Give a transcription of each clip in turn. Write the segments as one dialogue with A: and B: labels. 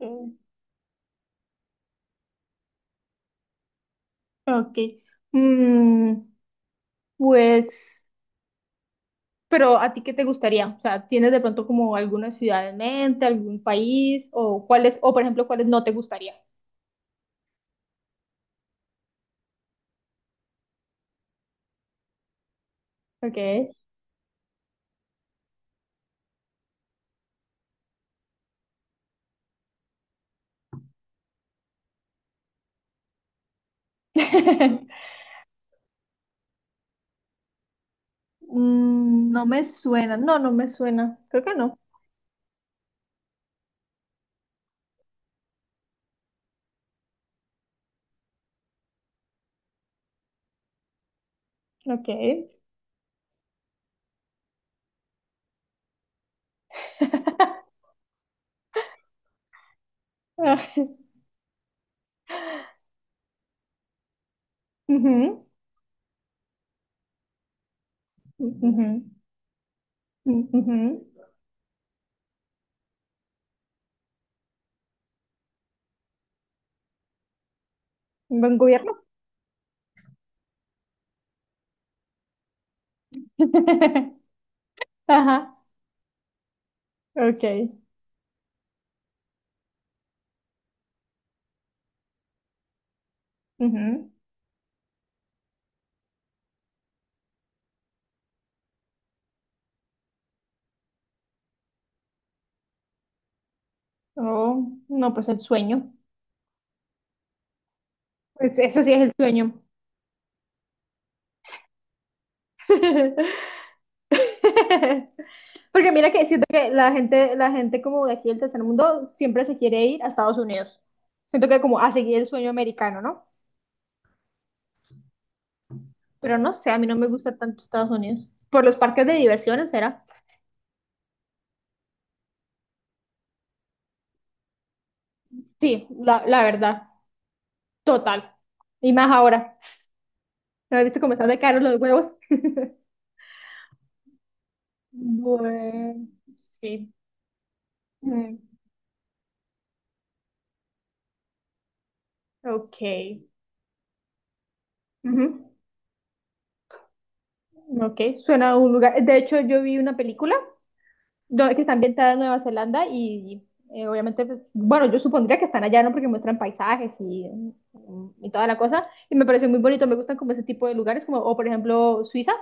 A: Mm. Ok. Mm, pues, pero ¿a ti qué te gustaría? O sea, ¿tienes de pronto como alguna ciudad en mente, algún país o cuáles, o por ejemplo, cuáles no te gustaría? Ok. No me suena, no, no me suena, creo que no. Ok. Ah, ujú, ujú, ujú. Un buen gobierno. Ajá, ok. Ujú. Oh, no, pues el sueño. Pues ese sí es el sueño. Porque mira que siento que la gente como de aquí del tercer mundo siempre se quiere ir a Estados Unidos. Siento que como a seguir el sueño americano, ¿no? Pero no sé, a mí no me gusta tanto Estados Unidos. Por los parques de diversiones, ¿será? Sí, la verdad, total. Y más ahora. ¿No has visto cómo están de caros los huevos? Bueno, sí. Mm, ok. Ujú. Ok, suena a un lugar. De hecho, yo vi una película que está ambientada en Nueva Zelanda y obviamente, pues, bueno, yo supondría que están allá, ¿no? Porque muestran paisajes y toda la cosa. Y me pareció muy bonito, me gustan como ese tipo de lugares, como, o por ejemplo, Suiza,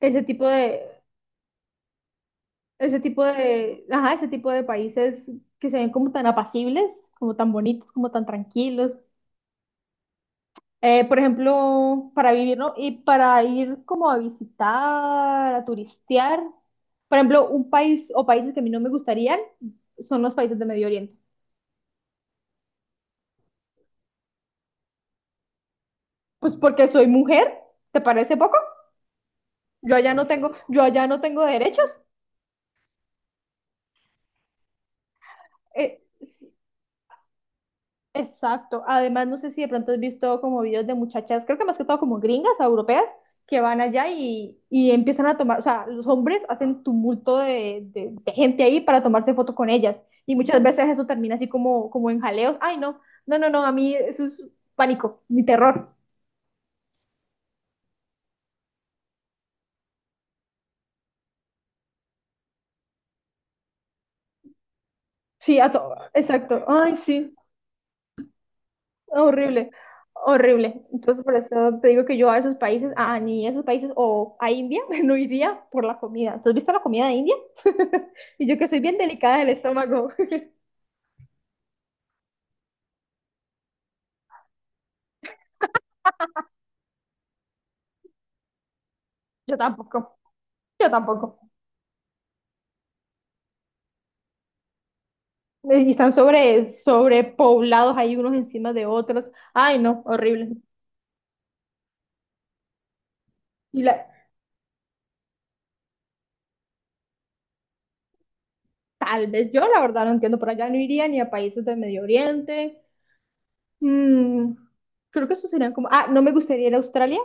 A: ese tipo de, ajá, ese tipo de países que se ven como tan apacibles, como tan bonitos, como tan tranquilos. Por ejemplo, para vivir, ¿no? Y para ir como a visitar, a turistear. Por ejemplo, un país o países que a mí no me gustarían son los países de Medio Oriente. Pues porque soy mujer, ¿te parece poco? Yo allá no tengo derechos. Sí, exacto. Además, no sé si de pronto has visto como videos de muchachas, creo que más que todo como gringas, europeas, que van allá y empiezan a tomar, o sea, los hombres hacen tumulto de gente ahí para tomarse foto con ellas. Y muchas veces eso termina así como en jaleos. Ay, no, no, no, no, a mí eso es pánico, mi terror. Sí, a todo, exacto. Ay, sí. Horrible, horrible. Entonces, por eso te digo que yo a esos países, a ni esos países o a India, no iría por la comida. ¿Tú has visto la comida de India? Y yo que soy bien delicada del estómago. Yo tampoco, yo tampoco. Y están sobrepoblados ahí unos encima de otros. Ay, no, horrible. Y la, Tal vez yo, la verdad, no entiendo. Por allá no iría ni a países del Medio Oriente. Mm, Creo que eso serían como. Ah, no me gustaría ir a Australia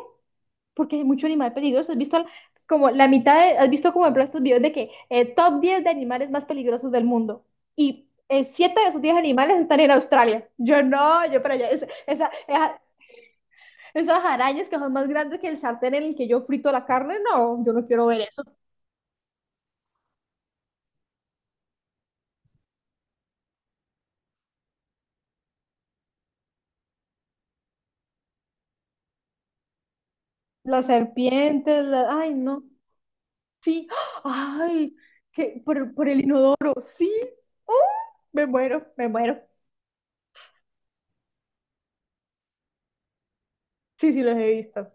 A: porque hay mucho animal peligroso. ¿Has visto como la mitad de, has visto como en estos videos de que top 10 de animales más peligrosos del mundo? Y siete de esos 10 animales están en Australia. Yo no, yo para allá. Esas arañas que son más grandes que el sartén en el que yo frito la carne, no, yo no quiero ver eso. Las serpientes, ay, no. Sí, ay, que por el inodoro, sí. ¡Oh! Me muero, me muero. Sí, sí, los he visto.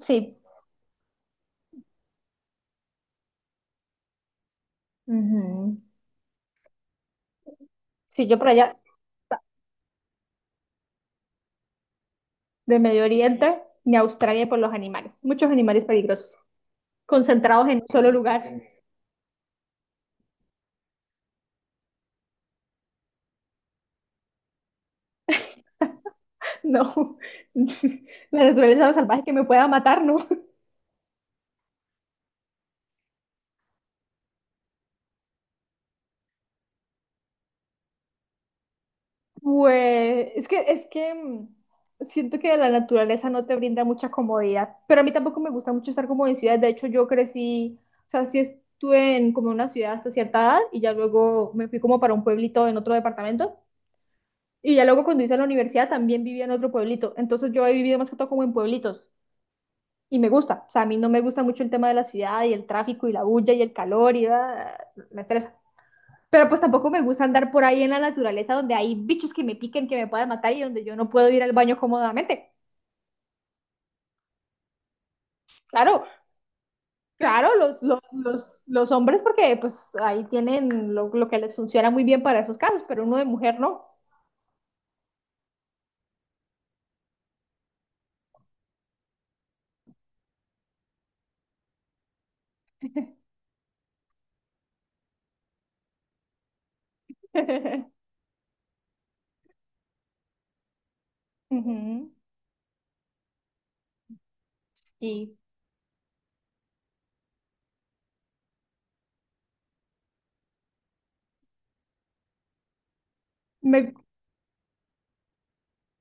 A: Sí. Ujú. Sí, yo por allá, de Medio Oriente ni Australia por los animales. Muchos animales peligrosos, concentrados en un solo lugar. No, la naturaleza salvaje que me pueda matar, ¿no? Pues es que siento que la naturaleza no te brinda mucha comodidad, pero a mí tampoco me gusta mucho estar como en ciudades. De hecho, yo crecí, o sea, sí estuve en como una ciudad hasta cierta edad y ya luego me fui como para un pueblito en otro departamento. Y ya luego cuando hice la universidad también vivía en otro pueblito. Entonces yo he vivido más que todo como en pueblitos. Y me gusta, o sea, a mí no me gusta mucho el tema de la ciudad y el tráfico y la bulla y el calor y me estresa. Pero pues tampoco me gusta andar por ahí en la naturaleza donde hay bichos que me piquen, que me puedan matar y donde yo no puedo ir al baño cómodamente. Claro, claro, los hombres porque pues ahí tienen lo que les funciona muy bien para esos casos, pero uno de mujer no. Ujú. Y me,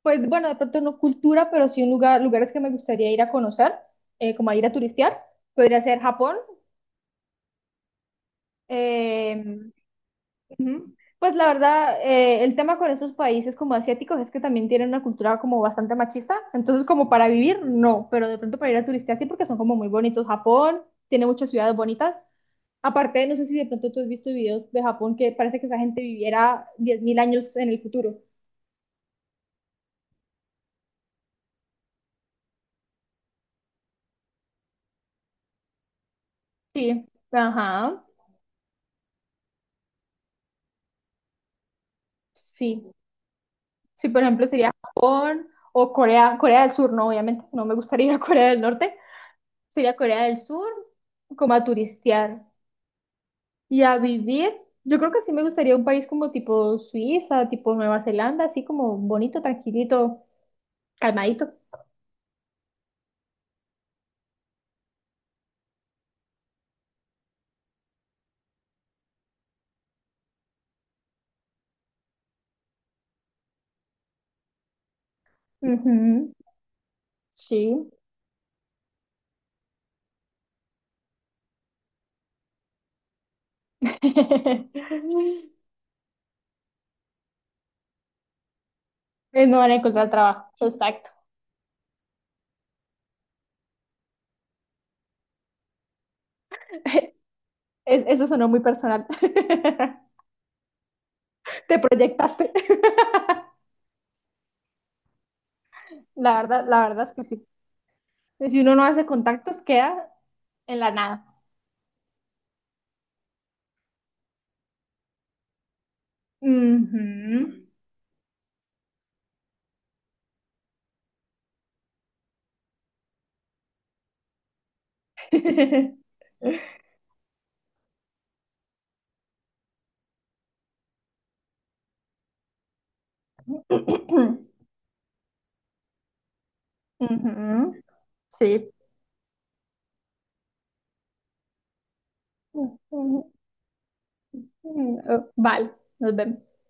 A: pues bueno, de pronto no cultura, pero sí un lugares que me gustaría ir a conocer, como a ir a turistear. Podría ser Japón. Eh, pues la verdad, el tema con esos países como asiáticos es que también tienen una cultura como bastante machista, entonces como para vivir, no, pero de pronto para ir a turistear sí porque son como muy bonitos. Japón tiene muchas ciudades bonitas. Aparte, no sé si de pronto tú has visto videos de Japón que parece que esa gente viviera 10,000 años en el futuro. Sí, ajá, sí. Sí, por ejemplo, sería Japón o Corea, Corea del Sur, no, obviamente, no me gustaría ir a Corea del Norte, sería Corea del Sur como a turistear. Y a vivir, yo creo que sí me gustaría un país como tipo Suiza, tipo Nueva Zelanda, así como bonito, tranquilito, calmadito. Ujú, sí. No van a encontrar trabajo. Exacto. Eso sonó muy personal. Te proyectaste. La verdad es que sí. Si uno no hace contactos, queda en la nada. Ujú. Ujú, sí. Mm, vale, nos vemos.